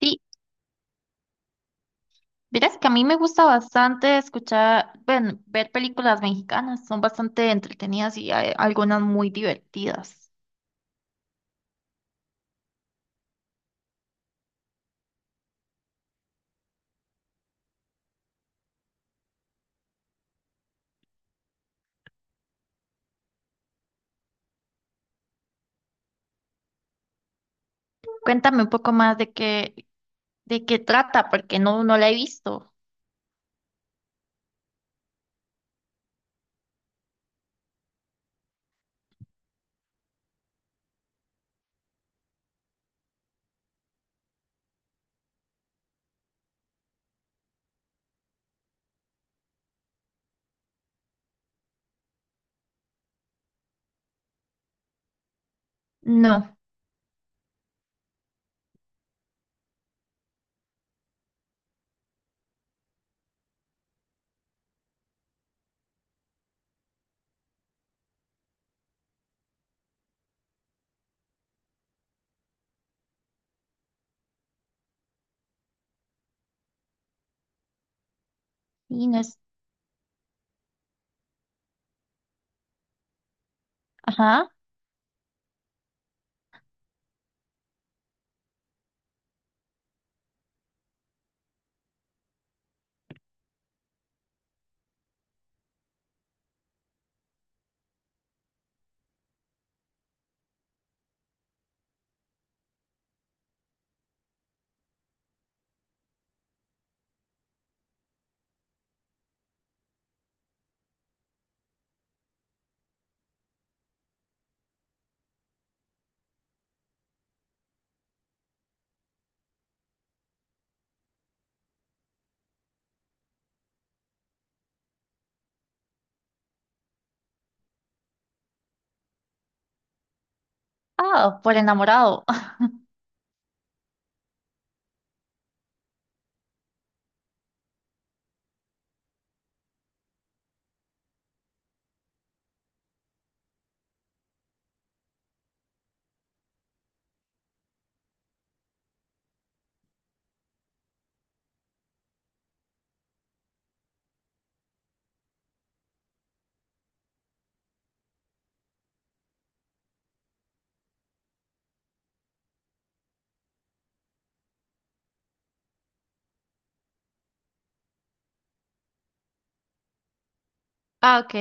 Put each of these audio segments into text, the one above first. Sí, verás que a mí me gusta bastante escuchar, bueno, ver películas mexicanas, son bastante entretenidas y hay algunas muy divertidas. Cuéntame un poco más de de qué trata, porque no la he visto. No, y no es, ajá, ah, por enamorado. Ah, ok,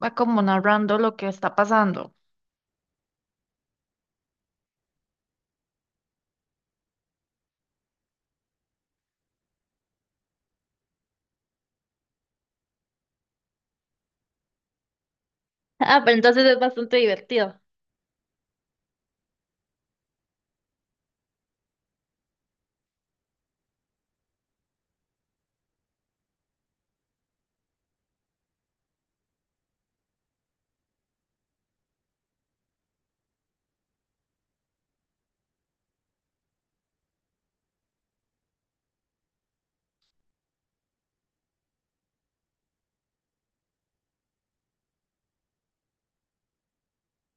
va como narrando lo que está pasando. Ah, pero entonces es bastante divertido.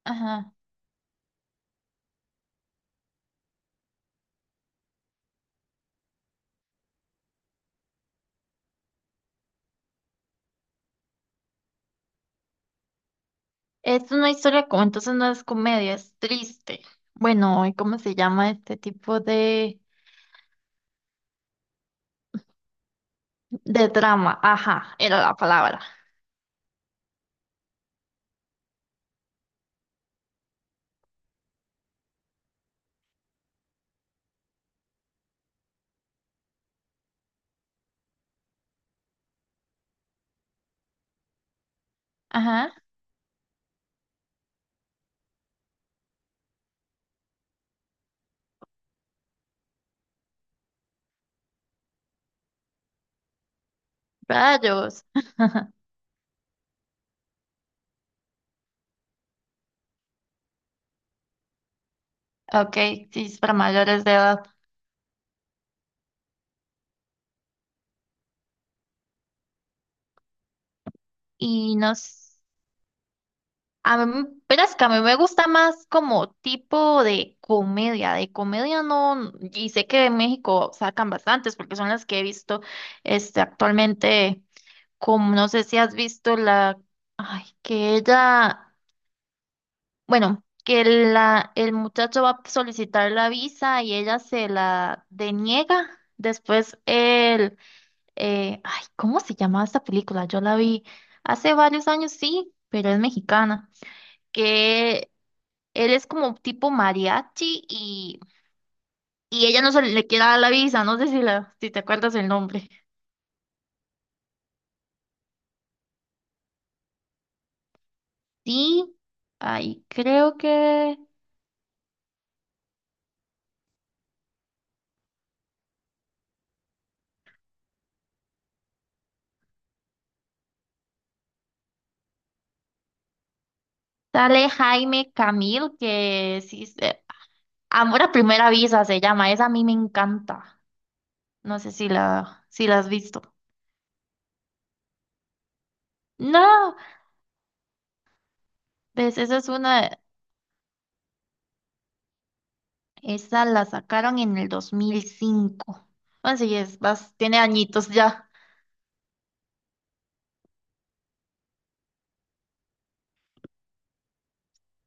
Ajá, es una historia como, entonces no es comedia, es triste. Bueno, ¿y cómo se llama este tipo de...? De drama, ajá, era la palabra. Ajá, rayos. Ok, sí, es para mayores de edad. Y nos... A mí, pero es que a mí me gusta más como tipo de comedia. De comedia no... Y sé que en México sacan bastantes porque son las que he visto actualmente. Como no sé si has visto la... Ay, que ella... Bueno, que la, el muchacho va a solicitar la visa y ella se la deniega. Después él, ay, ¿cómo se llamaba esta película? Yo la vi hace varios años, sí, pero es mexicana. Que él es como tipo mariachi y ella no se le quiere dar la visa. No sé si, la, si te acuerdas el nombre. Sí, ay, creo que sale Jaime Camil, que sí, Amor a primera visa se llama. Esa a mí me encanta. No sé si la, si la has visto. No, ves, esa es una, esa la sacaron en el 2005. Bueno, sí, es, tiene añitos ya.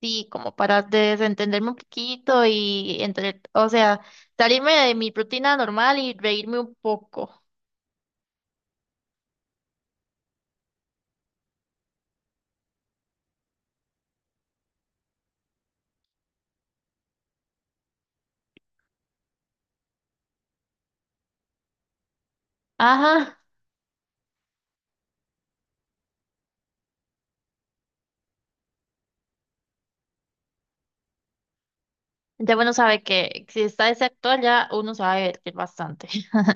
Sí, como para desentenderme un poquito y entre, o sea, salirme de mi rutina normal y reírme un poco. Ajá. Ya bueno sabe que si está ese actor ya uno sabe que es bastante.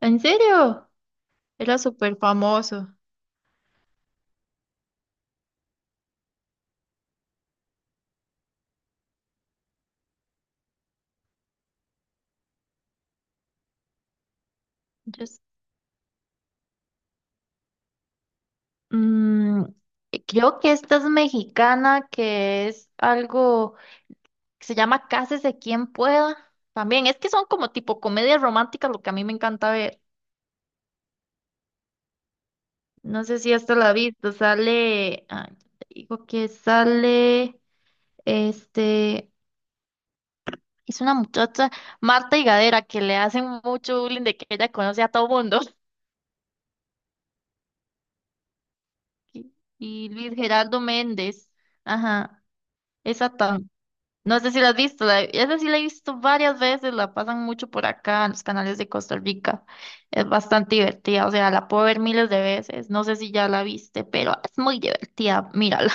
¿En serio? Era súper famoso. Mm, creo que esta es mexicana, que es algo que se llama Cásese quien pueda. También es que son como tipo comedias románticas, lo que a mí me encanta ver. No sé si esto la has visto. Sale, ah, te digo que sale, este, es una muchacha, Marta Higadera, que le hacen mucho bullying de que ella conoce a todo mundo. Y, y Luis Gerardo Méndez. Ajá, esa. No sé si la has visto, la, esa sí la he visto varias veces, la pasan mucho por acá en los canales de Costa Rica. Es bastante divertida, o sea, la puedo ver miles de veces. No sé si ya la viste, pero es muy divertida, mírala.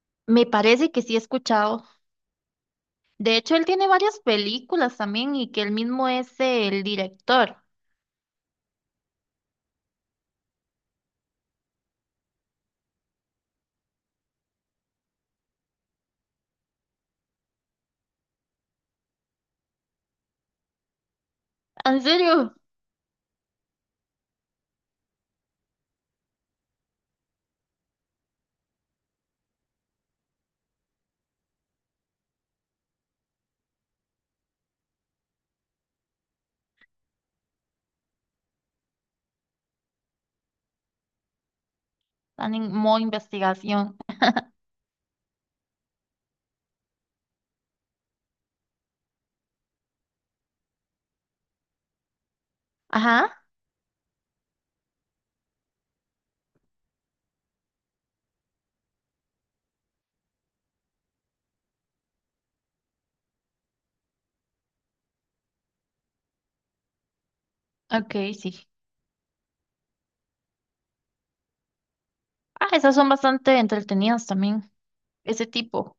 Me parece que sí he escuchado. De hecho, él tiene varias películas también y que él mismo es el director. ¿En serio? Están en modo investigación. Ajá, ok, sí. Ah, esas son bastante entretenidas también, ese tipo.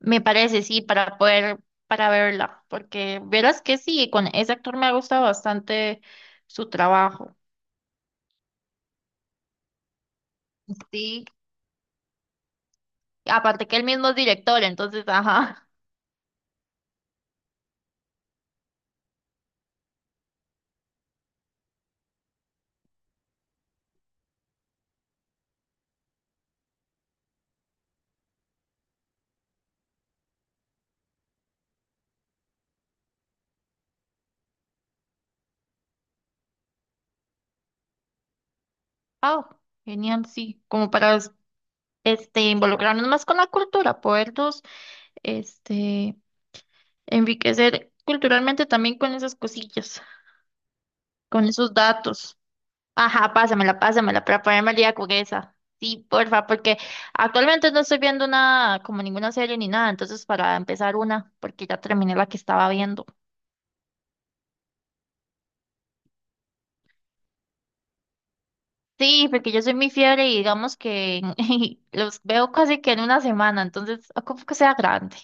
Me parece, sí, para poder, para verla, porque verás que sí, con ese actor me ha gustado bastante su trabajo. Sí, aparte que él mismo es director, entonces, ajá. Oh, genial, sí, como para involucrarnos más con la cultura, podernos este enriquecer culturalmente también con esas cosillas, con esos datos. Ajá, pásamela, pásamela para ponerme al día con esa. Sí, porfa, porque actualmente no estoy viendo nada, como ninguna serie ni nada, entonces para empezar una, porque ya terminé la que estaba viendo. Sí, porque yo soy muy fiebre y digamos que los veo casi que en una semana, entonces ocupo que sea grande.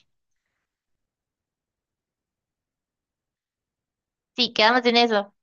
Sí, quedamos en eso.